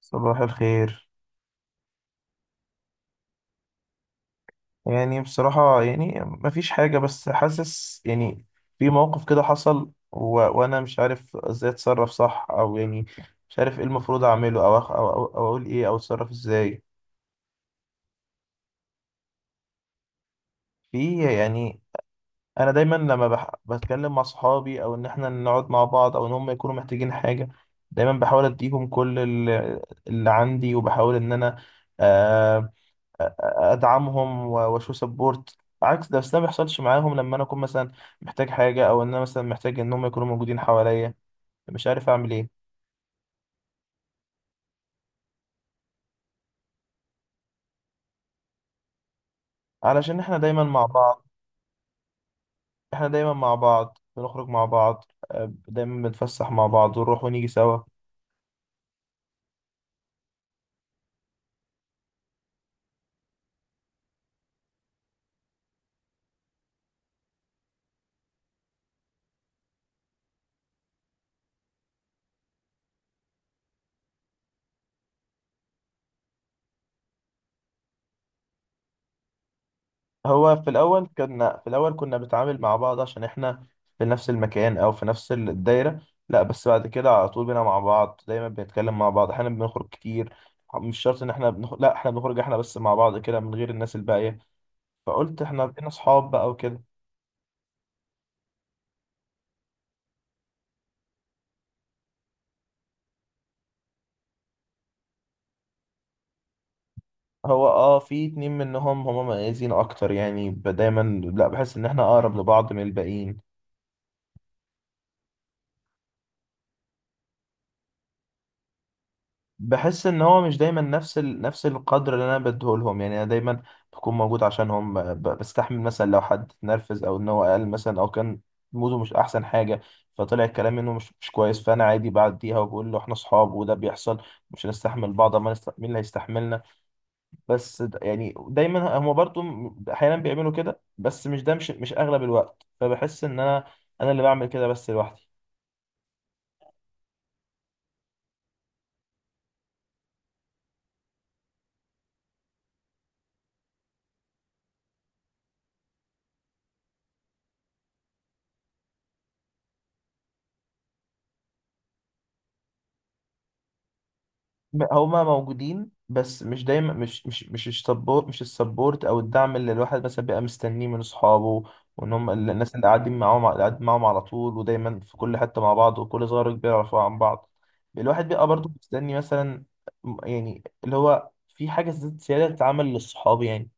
صباح الخير. يعني بصراحة مفيش حاجة، بس حاسس يعني في موقف كده حصل و... وأنا مش عارف إزاي أتصرف صح، أو يعني مش عارف إيه المفروض أعمله أو أقول إيه، أو أتصرف إزاي. في يعني أنا دايما لما بتكلم مع صحابي، أو إن إحنا نقعد مع بعض، أو إن هم يكونوا محتاجين حاجة، دايما بحاول أديهم اللي عندي، وبحاول إن أنا آه، ادعمهم واشو سبورت عكس ده. بس ده ما بيحصلش معاهم لما انا اكون مثلا محتاج حاجه، او ان انا مثلا محتاج ان هم يكونوا موجودين حواليا. مش عارف اعمل ايه. علشان احنا دايما مع بعض. بنخرج مع بعض. دايما بنتفسح مع بعض، ونروح ونيجي سوا. هو في الأول كنا بنتعامل مع بعض عشان إحنا في نفس المكان أو في نفس الدايرة. لا، بس بعد كده على طول بينا مع بعض، دايما بنتكلم مع بعض، أحيانا بنخرج كتير. مش شرط إن إحنا بنخرج، لا، إحنا بنخرج إحنا بس مع بعض كده من غير الناس الباقية. فقلت إحنا بقينا صحاب بقى وكده. هو أه في اتنين منهم هما مميزين أكتر، يعني دايما لا بحس إن إحنا أقرب لبعض من الباقيين. بحس ان هو مش دايما نفس نفس القدر اللي انا بديه لهم. يعني انا دايما بكون موجود عشانهم، بستحمل مثلا لو حد اتنرفز، او ان هو قال مثلا، او كان موده مش احسن حاجه، فطلع الكلام منه مش كويس، فانا عادي بعديها وبقول له احنا اصحاب وده بيحصل. مش هنستحمل بعض ما نست... مين اللي هيستحملنا؟ بس يعني دايما هم برضو احيانا بيعملوا كده، بس مش ده مش مش اغلب الوقت. فبحس ان انا اللي بعمل كده بس لوحدي. هما موجودين، بس مش دايما، مش السبورت، او الدعم اللي الواحد مثلا بيبقى مستنيه من اصحابه. وان هم الناس اللي قاعدين معاهم، على طول ودايما في كل حته مع بعض، وكل صغير وكبير يعرفوا عن بعض. الواحد بيبقى برضه مستني مثلا يعني اللي هو في حاجه زياده تتعمل للصحاب يعني.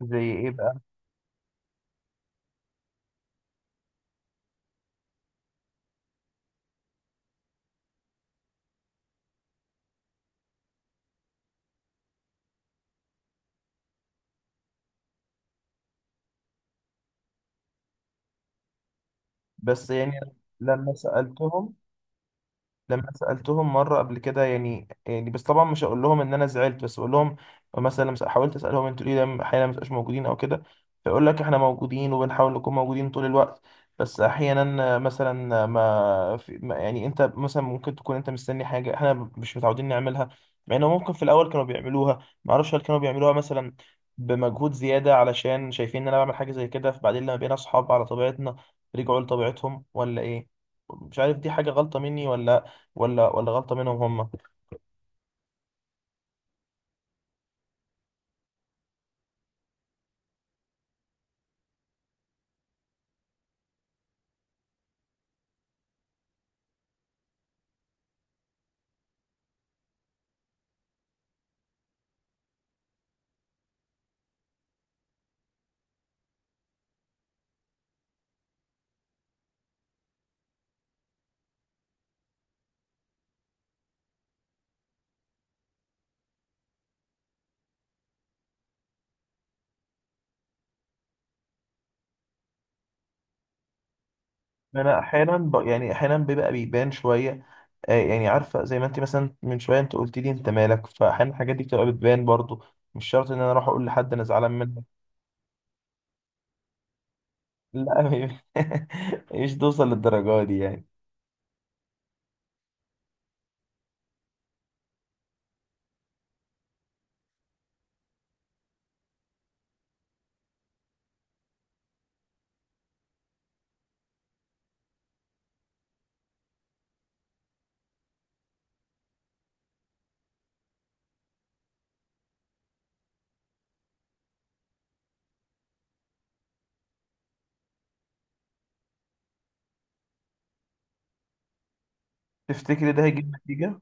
زي ايه بقى؟ بس يعني لما سالتهم لما سألتهم مرة قبل كده، يعني بس طبعا مش هقول لهم ان انا زعلت، بس اقول لهم مثلا لما حاولت اسالهم انتوا ليه دايما احيانا ما بتبقاش موجودين او كده، فيقول لك احنا موجودين وبنحاول نكون موجودين طول الوقت. بس احيانا مثلا ما, في ما يعني انت مثلا ممكن تكون انت مستني حاجه احنا مش متعودين نعملها، مع انه ممكن في الاول كانوا بيعملوها. ما اعرفش هل كانوا بيعملوها مثلا بمجهود زياده علشان شايفين ان انا بعمل حاجه زي كده، فبعدين لما بقينا اصحاب على طبيعتنا رجعوا لطبيعتهم، ولا ايه؟ مش عارف دي حاجه غلطه مني، ولا غلطة منهم هم. انا احيانا يعني احيانا بيبقى بيبان شوية. آه يعني عارفة زي ما انت مثلا من شوية انت قلت لي انت مالك، فاحيانا الحاجات دي بتبقى بتبان برضو. مش شرط ان انا اروح اقول لحد انا زعلان منك. لا، مش توصل للدرجة دي يعني. تفتكري ده هيجيب نتيجة؟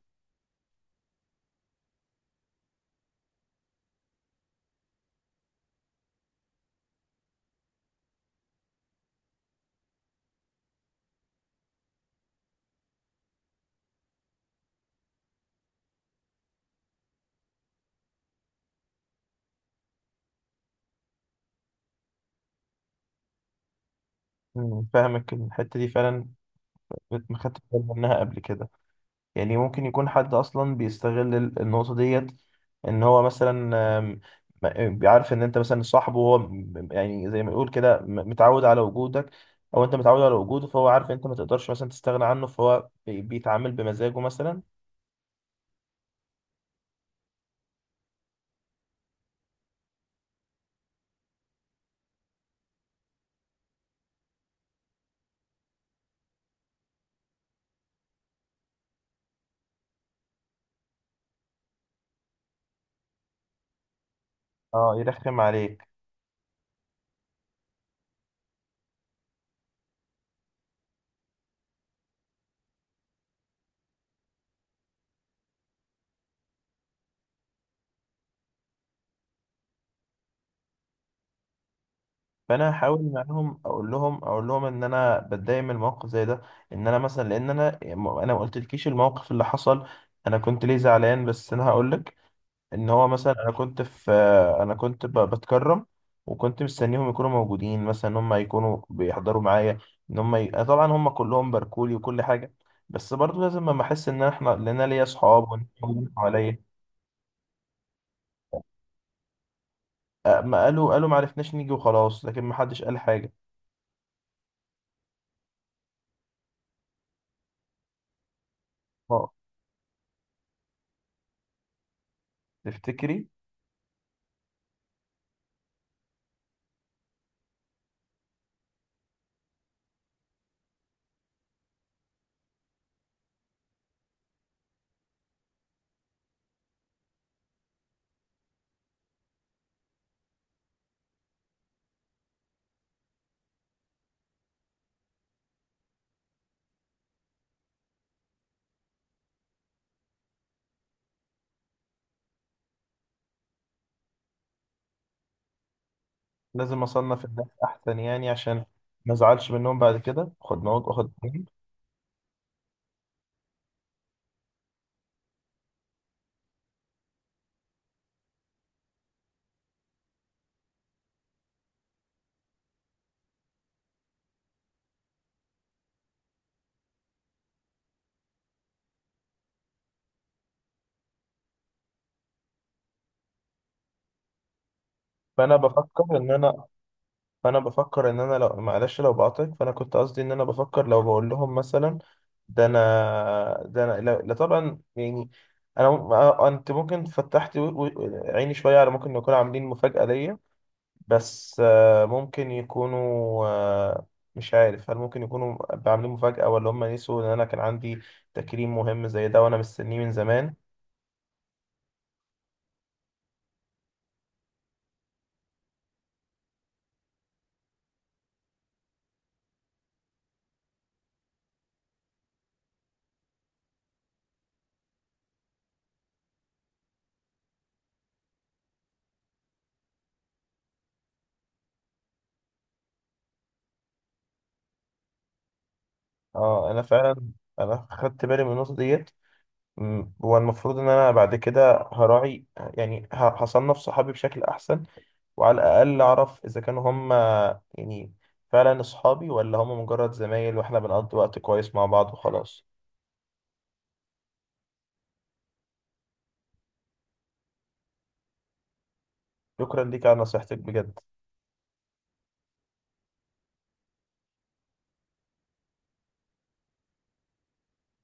مم، فاهمك الحتة دي فعلا. كنت ما خدتش بالي منها قبل كده. يعني ممكن يكون حد اصلا بيستغل النقطه ديت، ان هو مثلا آم، بيعرف ان انت مثلا صاحبه، هو يعني زي ما يقول كده متعود على وجودك، او انت متعود على وجوده، فهو عارف انت ما تقدرش مثلا تستغنى عنه، فهو بيتعامل بمزاجه مثلا. اه، يرخم عليك. فانا هحاول معاهم اقول لهم ان انا بتضايق من الموقف زي ده. ان انا مثلا لان انا ما قلتلكيش الموقف اللي حصل. انا كنت ليه زعلان، بس انا هقول لك ان هو مثلا انا كنت في. انا كنت بتكرم وكنت مستنيهم يكونوا موجودين، مثلا ان هم يكونوا بيحضروا معايا، أنا طبعا هم كلهم باركولي وكل حاجه. بس برضو لازم لما احس ان احنا، لان انا ليا اصحاب وان هم حواليا. أه، ما قالوا قالوا ما عرفناش نيجي وخلاص، لكن ما حدش قال حاجه. اه. تفتكري؟ لازم اصنف الناس احسن يعني عشان ما ازعلش منهم بعد كده، خد نوت واخد اتنين. فانا بفكر ان انا فانا بفكر ان انا لو معلش، لو بقاطعك، فانا كنت قصدي ان انا بفكر لو بقول لهم مثلا ده انا ده انا، لا لا طبعا يعني. آه، انت ممكن فتحت و- عيني شويه على ممكن يكونوا عاملين مفاجاه ليا. بس آه، ممكن يكونوا آه، مش عارف هل ممكن يكونوا عاملين مفاجاه، ولا هم نسوا ان انا كان عندي تكريم مهم زي ده وانا مستنيه من زمان. اه، انا فعلا انا خدت بالي من النقطه ديت. مم. هو المفروض ان انا بعد كده هراعي، يعني هصنف صحابي بشكل احسن، وعلى الاقل اعرف اذا كانوا هم يعني فعلا اصحابي، ولا هم مجرد زمايل واحنا بنقضي وقت كويس مع بعض وخلاص. شكرا ليك على نصيحتك بجد.